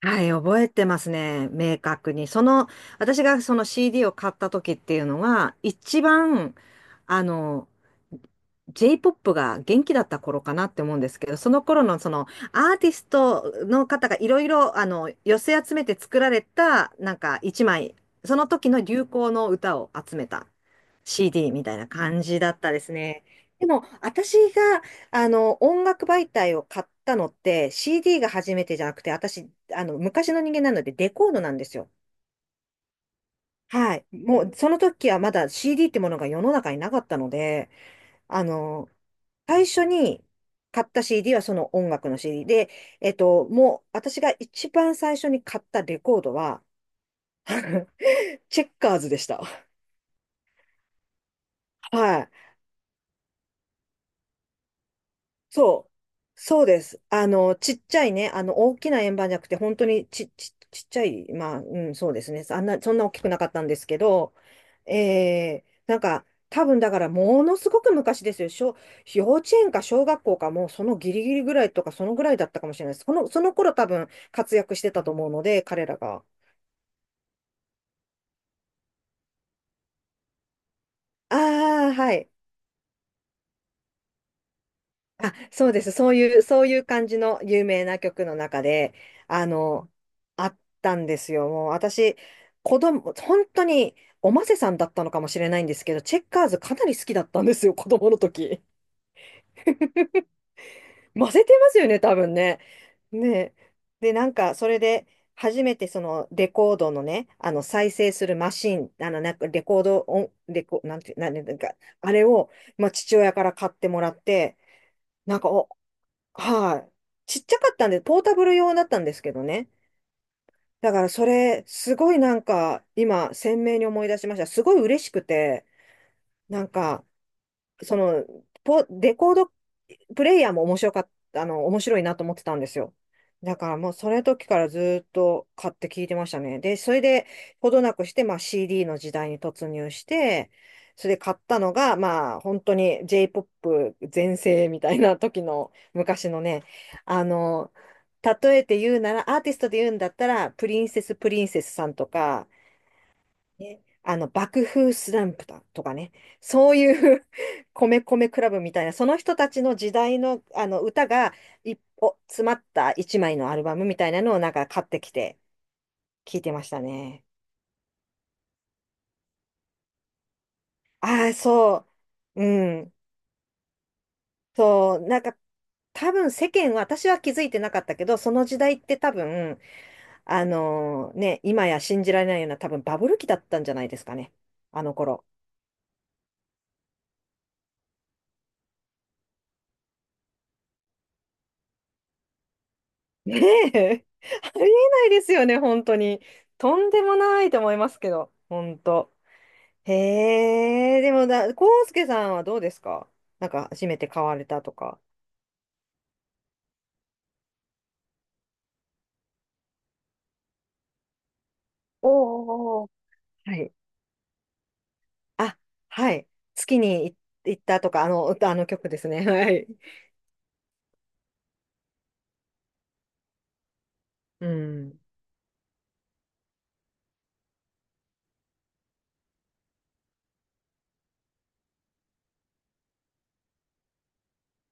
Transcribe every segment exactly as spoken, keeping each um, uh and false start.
はい、覚えてますね。明確に。その、私がその シーディー を買った時っていうのは一番、あの、J-ポップ が元気だった頃かなって思うんですけど、その頃のそのアーティストの方がいろいろあの寄せ集めて作られたなんか一枚、その時の流行の歌を集めた シーディー みたいな感じだったですね。でも、私が、あの、音楽媒体を買ったのって、シーディー が初めてじゃなくて、私、あの、昔の人間なので、デコードなんですよ。はい。もう、その時はまだ シーディー ってものが世の中になかったので、あの、最初に買った シーディー はその音楽の シーディー で、えっと、もう、私が一番最初に買ったレコードは、チェッカーズでした。はい。そう。そうです。あの、ちっちゃいね、あの、大きな円盤じゃなくて、本当にち、ち、ちっちゃい、まあ、うん、そうですね。あんな、そんな大きくなかったんですけど、えー、なんか、多分だから、ものすごく昔ですよ。小、幼稚園か小学校か、もうそのギリギリぐらいとか、そのぐらいだったかもしれないです。この、その頃多分活躍してたと思うので、彼らが。ああ、はい。あ、そうです。そういう、そういう感じの有名な曲の中で、あの、あったんですよ。もう私、子供、本当に、おませさんだったのかもしれないんですけど、チェッカーズかなり好きだったんですよ、子供の時。ませてますよね、多分ね。ねえ。で、なんか、それで、初めてそのレコードのね、あの再生するマシン、あのなんかレコード音、レコ、なんて、なんて、なんか、あれを、まあ、父親から買ってもらって、なんか、おはい。ちっちゃかったんで、ポータブル用だったんですけどね。だからそれ、すごいなんか、今、鮮明に思い出しました。すごい嬉しくて、なんか、その、ポ、レコードプレイヤーも面白かった、あの、面白いなと思ってたんですよ。だからもうそれ時からずっと買って聞いてましたね。で、それでほどなくして、まあ シーディー の時代に突入して、それで買ったのが、まあ本当に J-ポップ 全盛みたいな時の昔のね、あの、例えて言うなら、アーティストで言うんだったら、プリンセス・プリンセスさんとか、ね、あの、爆風スランプだとかね、そういう 米米クラブみたいな、その人たちの時代の、あの歌が一歩詰まった一枚のアルバムみたいなのをなんか買ってきて聞いてましたね。ああ、そう、うん、そう、なんか多分世間は、私は気づいてなかったけど、その時代って多分、あのね、今や信じられないような多分バブル期だったんじゃないですかね、あの頃。ねえ、ありえないですよね、本当に。とんでもないと思いますけど、本当。へえ、でもだ、コウスケさんはどうですか。なんか、初めて買われたとか。おーおーおーはい。あ、はい。月にい行ったとか、あの、あの曲ですね。はい。うん。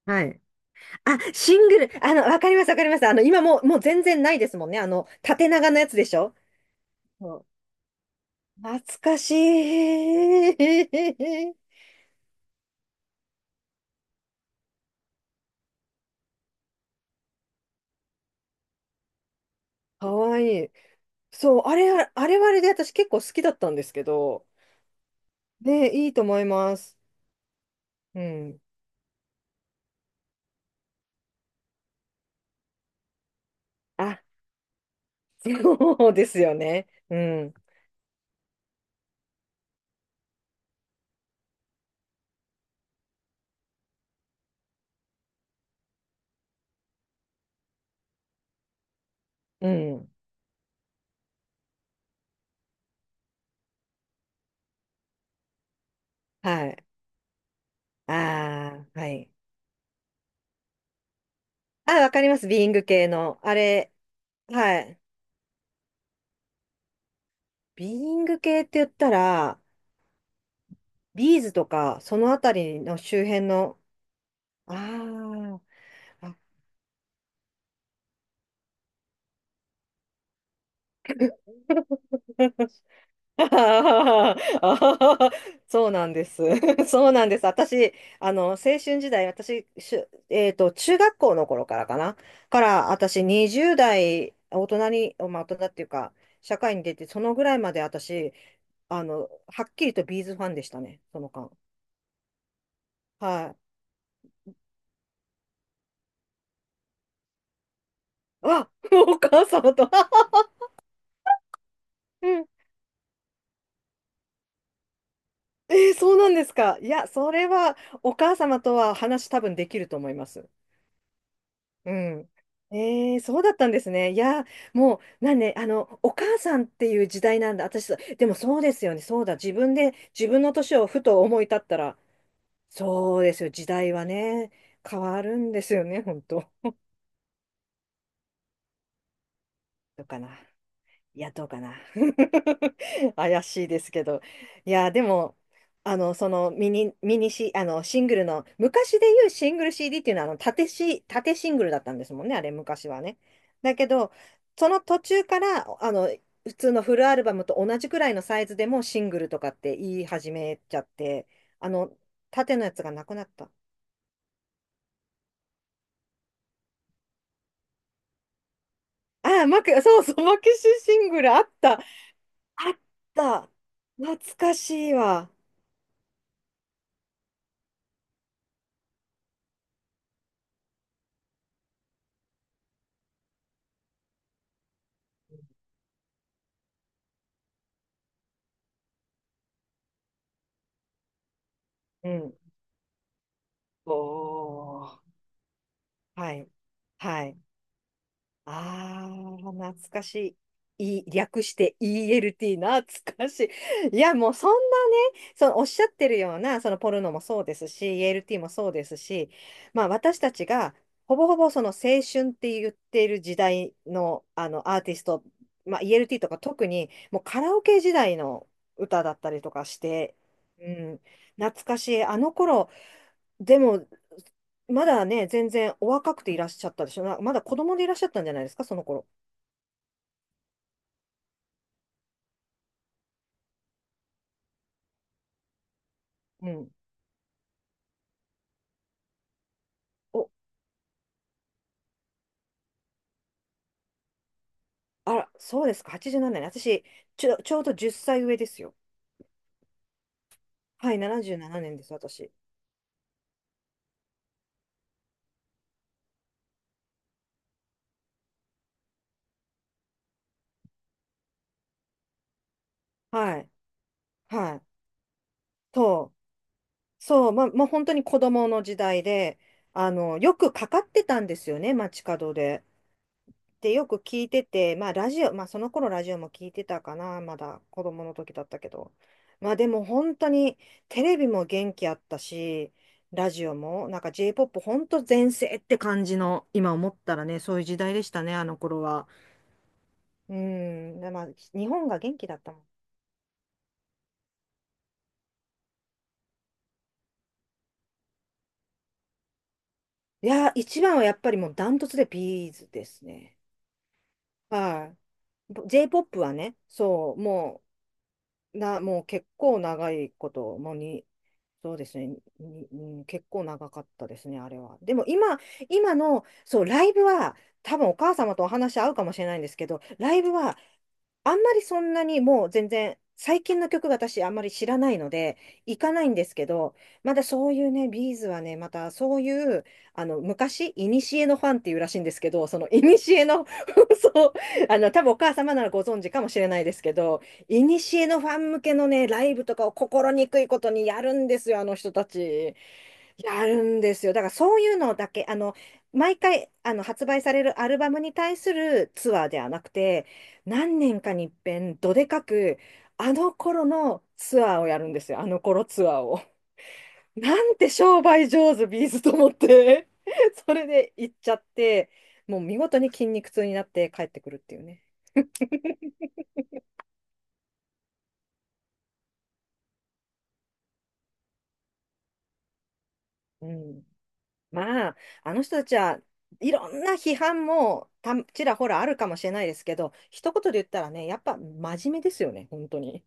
はい。あ、シングル。あの、わかります、わかります。あの、今もう、もう全然ないですもんね。あの、縦長のやつでしょ。そう、懐かしい。かわいい。そう、あれは、あれはあれで私結構好きだったんですけど、ね、いいと思います。うん。あ、そうですよね。うん。うん。はい。ああ、はい。あ、わかります。ビーイング系の。あれ、はい。ビーイング系って言ったら、ビーズとか、そのあたりの周辺の、ああ、あ あーあーそうなんです。そうなんです。私、あの、青春時代、私、しゅ、えっと、中学校の頃からかな。から、私、にじゅうだい代、大人に、まあ、大人っていうか、社会に出て、そのぐらいまで私、あの、はっきりとビーズファンでしたね、その間。はい。あ、お母様と。うん。えー、そうなんですか。いや、それは、お母様とは話多分できると思います。うん。えー、そうだったんですね。いやー、もう、なんで、あの、お母さんっていう時代なんだ。私、でもそうですよね。そうだ。自分で、自分の年をふと思い立ったら、そうですよ。時代はね、変わるんですよね、本当。どうかな。いや、どうかな。怪しいですけど。いや、でも、あの、そのミニ、ミニシ、あの、シングルの、昔で言うシングル シーディー っていうのは、あの、縦シ、縦シングルだったんですもんね、あれ、昔はね。だけど、その途中から、あの、普通のフルアルバムと同じくらいのサイズでもシングルとかって言い始めちゃって、あの、縦のやつがなくなった。ああ、マク、そうそう、マキシシングルあった。あった。懐かしいわ。うん。おー。はい。はい。あー、懐かしい。い、略して イーエルティー、懐かしい。いや、もうそんなね、そのおっしゃってるような、そのポルノもそうですし、イーエルティー もそうですし、まあ私たちが、ほぼほぼその青春って言ってる時代の、あのアーティスト、まあ、イーエルティー とか特にもうカラオケ時代の歌だったりとかして、うん、懐かしい。あの頃でも、まだね、全然お若くていらっしゃったでしょ。なまだ子供でいらっしゃったんじゃないですか、その頃。うん。お、あら、そうですか、はちじゅうななねん。私、ちょ、ちょうどじゅっさい上ですよ。はい、ななじゅうななねんです、私。はい、はい。そう、そう、ままあ、もう本当に子供の時代で、あの、よくかかってたんですよね、街角で。てよく聞いてて、まあラジオ、まあその頃ラジオも聞いてたかな、まだ子供の時だったけど。まあでも本当にテレビも元気あったし、ラジオも、なんか J-ポップ 本当全盛って感じの、今思ったらね、そういう時代でしたね、あの頃は。うん、でまあ日本が元気だったもん。いや、一番はやっぱりもうダントツでビーズですね。はい。J-ポップ はね、そう、もな、もう結構長いこと、もうに、そうですね、に、うん結構長かったですね、あれは。でも今、今の、そう、ライブは、多分お母様とお話合うかもしれないんですけど、ライブは、あんまりそんなにもう全然、最近の曲が私あんまり知らないので、行かないんですけど、まだそういうね、ビーズはね、またそういう、あの、昔、いにしえのファンっていうらしいんですけど、そのいにしえの、そう、あの、多分お母様ならご存知かもしれないですけど、いにしえのファン向けのね、ライブとかを心にくいことにやるんですよ、あの人たち。やるんですよ。だからそういうのだけ、あの、毎回、あの、発売されるアルバムに対するツアーではなくて、何年かに一遍、どでかく、あの頃のツアーをやるんですよ、あの頃ツアーを。なんて商売上手、ビーズと思って。それで行っちゃって、もう見事に筋肉痛になって帰ってくるっていうね。うん、まあ、あの人たちはいろんな批判もたちらほらあるかもしれないですけど、一言で言ったらね、やっぱ真面目ですよね、本当に。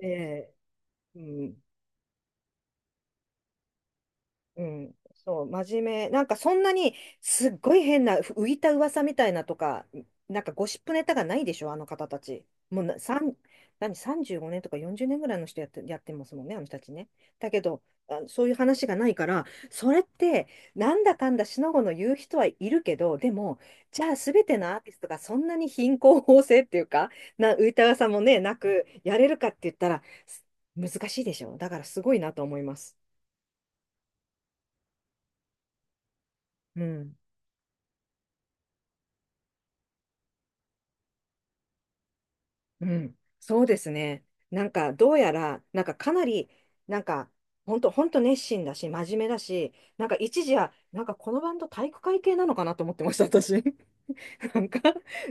ええ、うん。うん、そう、真面目。なんかそんなにすっごい変な浮いた噂みたいなとか、なんかゴシップネタがないでしょ、あの方たち。もうな、さん、何、さんじゅうごねんとかよんじゅうねんぐらいの人やって、やってますもんね、あの人たちね。だけど、あ、そういう話がないから、それって、なんだかんだしのごの言う人はいるけど、でも、じゃあ全てのアーティストがそんなに貧困法制っていうか、な、浮いた噂もね、なくやれるかって言ったら、す難しいでしょ。だからすごいなと思います。うん。うん、そうですね。なんか、どうやら、なんかかなり、なんか、本当本当熱心だし、真面目だし、なんか一時は、なんかこのバンド体育会系なのかなと思ってました、私。なんか、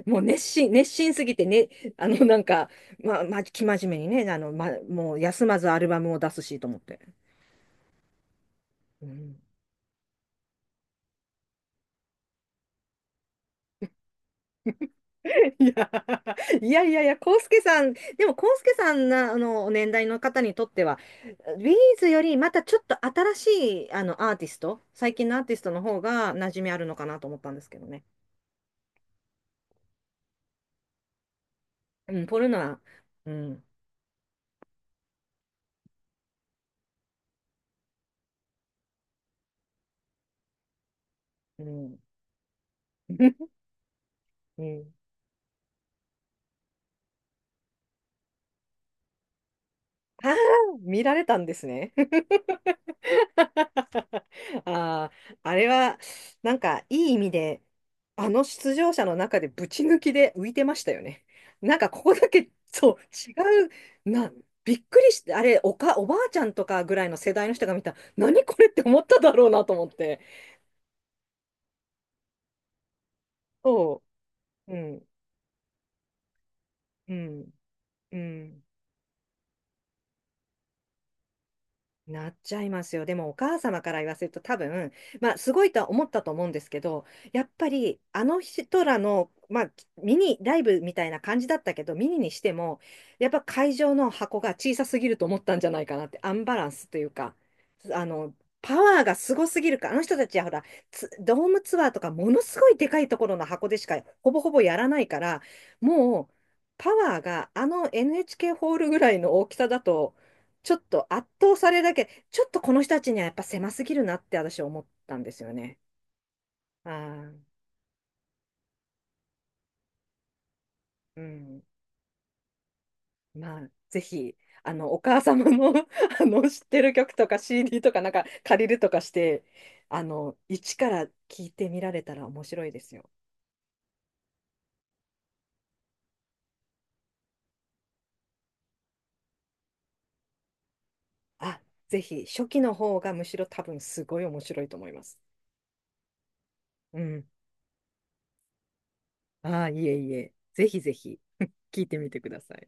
もう熱心、熱心すぎてね、あの、なんか、まあ、まあ、生真面目にね、あの、ま、もう休まずアルバムを出すしと思って。うん。 いや、いやいやいや、康介さん、でも康介さんな、あの、年代の方にとっては、ビーズよりまたちょっと新しい、あの、アーティスト、最近のアーティストの方が馴染みあるのかなと思ったんですけどね。うん、ポルノは、うん、うん、うん。ああ、見られたんですね。あー、あれは、なんか、いい意味で、あの出場者の中でぶち抜きで浮いてましたよね。なんか、ここだけ、そう、違う、な、びっくりして、あれ、おか、おばあちゃんとかぐらいの世代の人が見たら、何これって思っただろうなと思って。そう、うん、うん、うん。なっちゃいますよ。でもお母様から言わせると多分、まあすごいとは思ったと思うんですけど、やっぱりあの人らの、まあミニライブみたいな感じだったけど、ミニにしても、やっぱ会場の箱が小さすぎると思ったんじゃないかなって、アンバランスというか、あの、パワーがすごすぎるから、あの人たちはほら、ツドームツアーとかものすごいでかいところの箱でしかほぼほぼやらないから、もう、パワーがあの エヌエイチケー ホールぐらいの大きさだとちょっと圧倒されるだけ、ちょっとこの人たちにはやっぱ狭すぎるなって私思ったんですよね。あー、うん。まあ、ぜひ、あの、お母様の あの、知ってる曲とか シーディー とかなんか借りるとかして、あの、一から聞いてみられたら面白いですよ。あ、ぜひ、初期の方がむしろ多分すごい面白いと思います。うん。ああ、いえいえ。ぜひぜひ 聞いてみてください。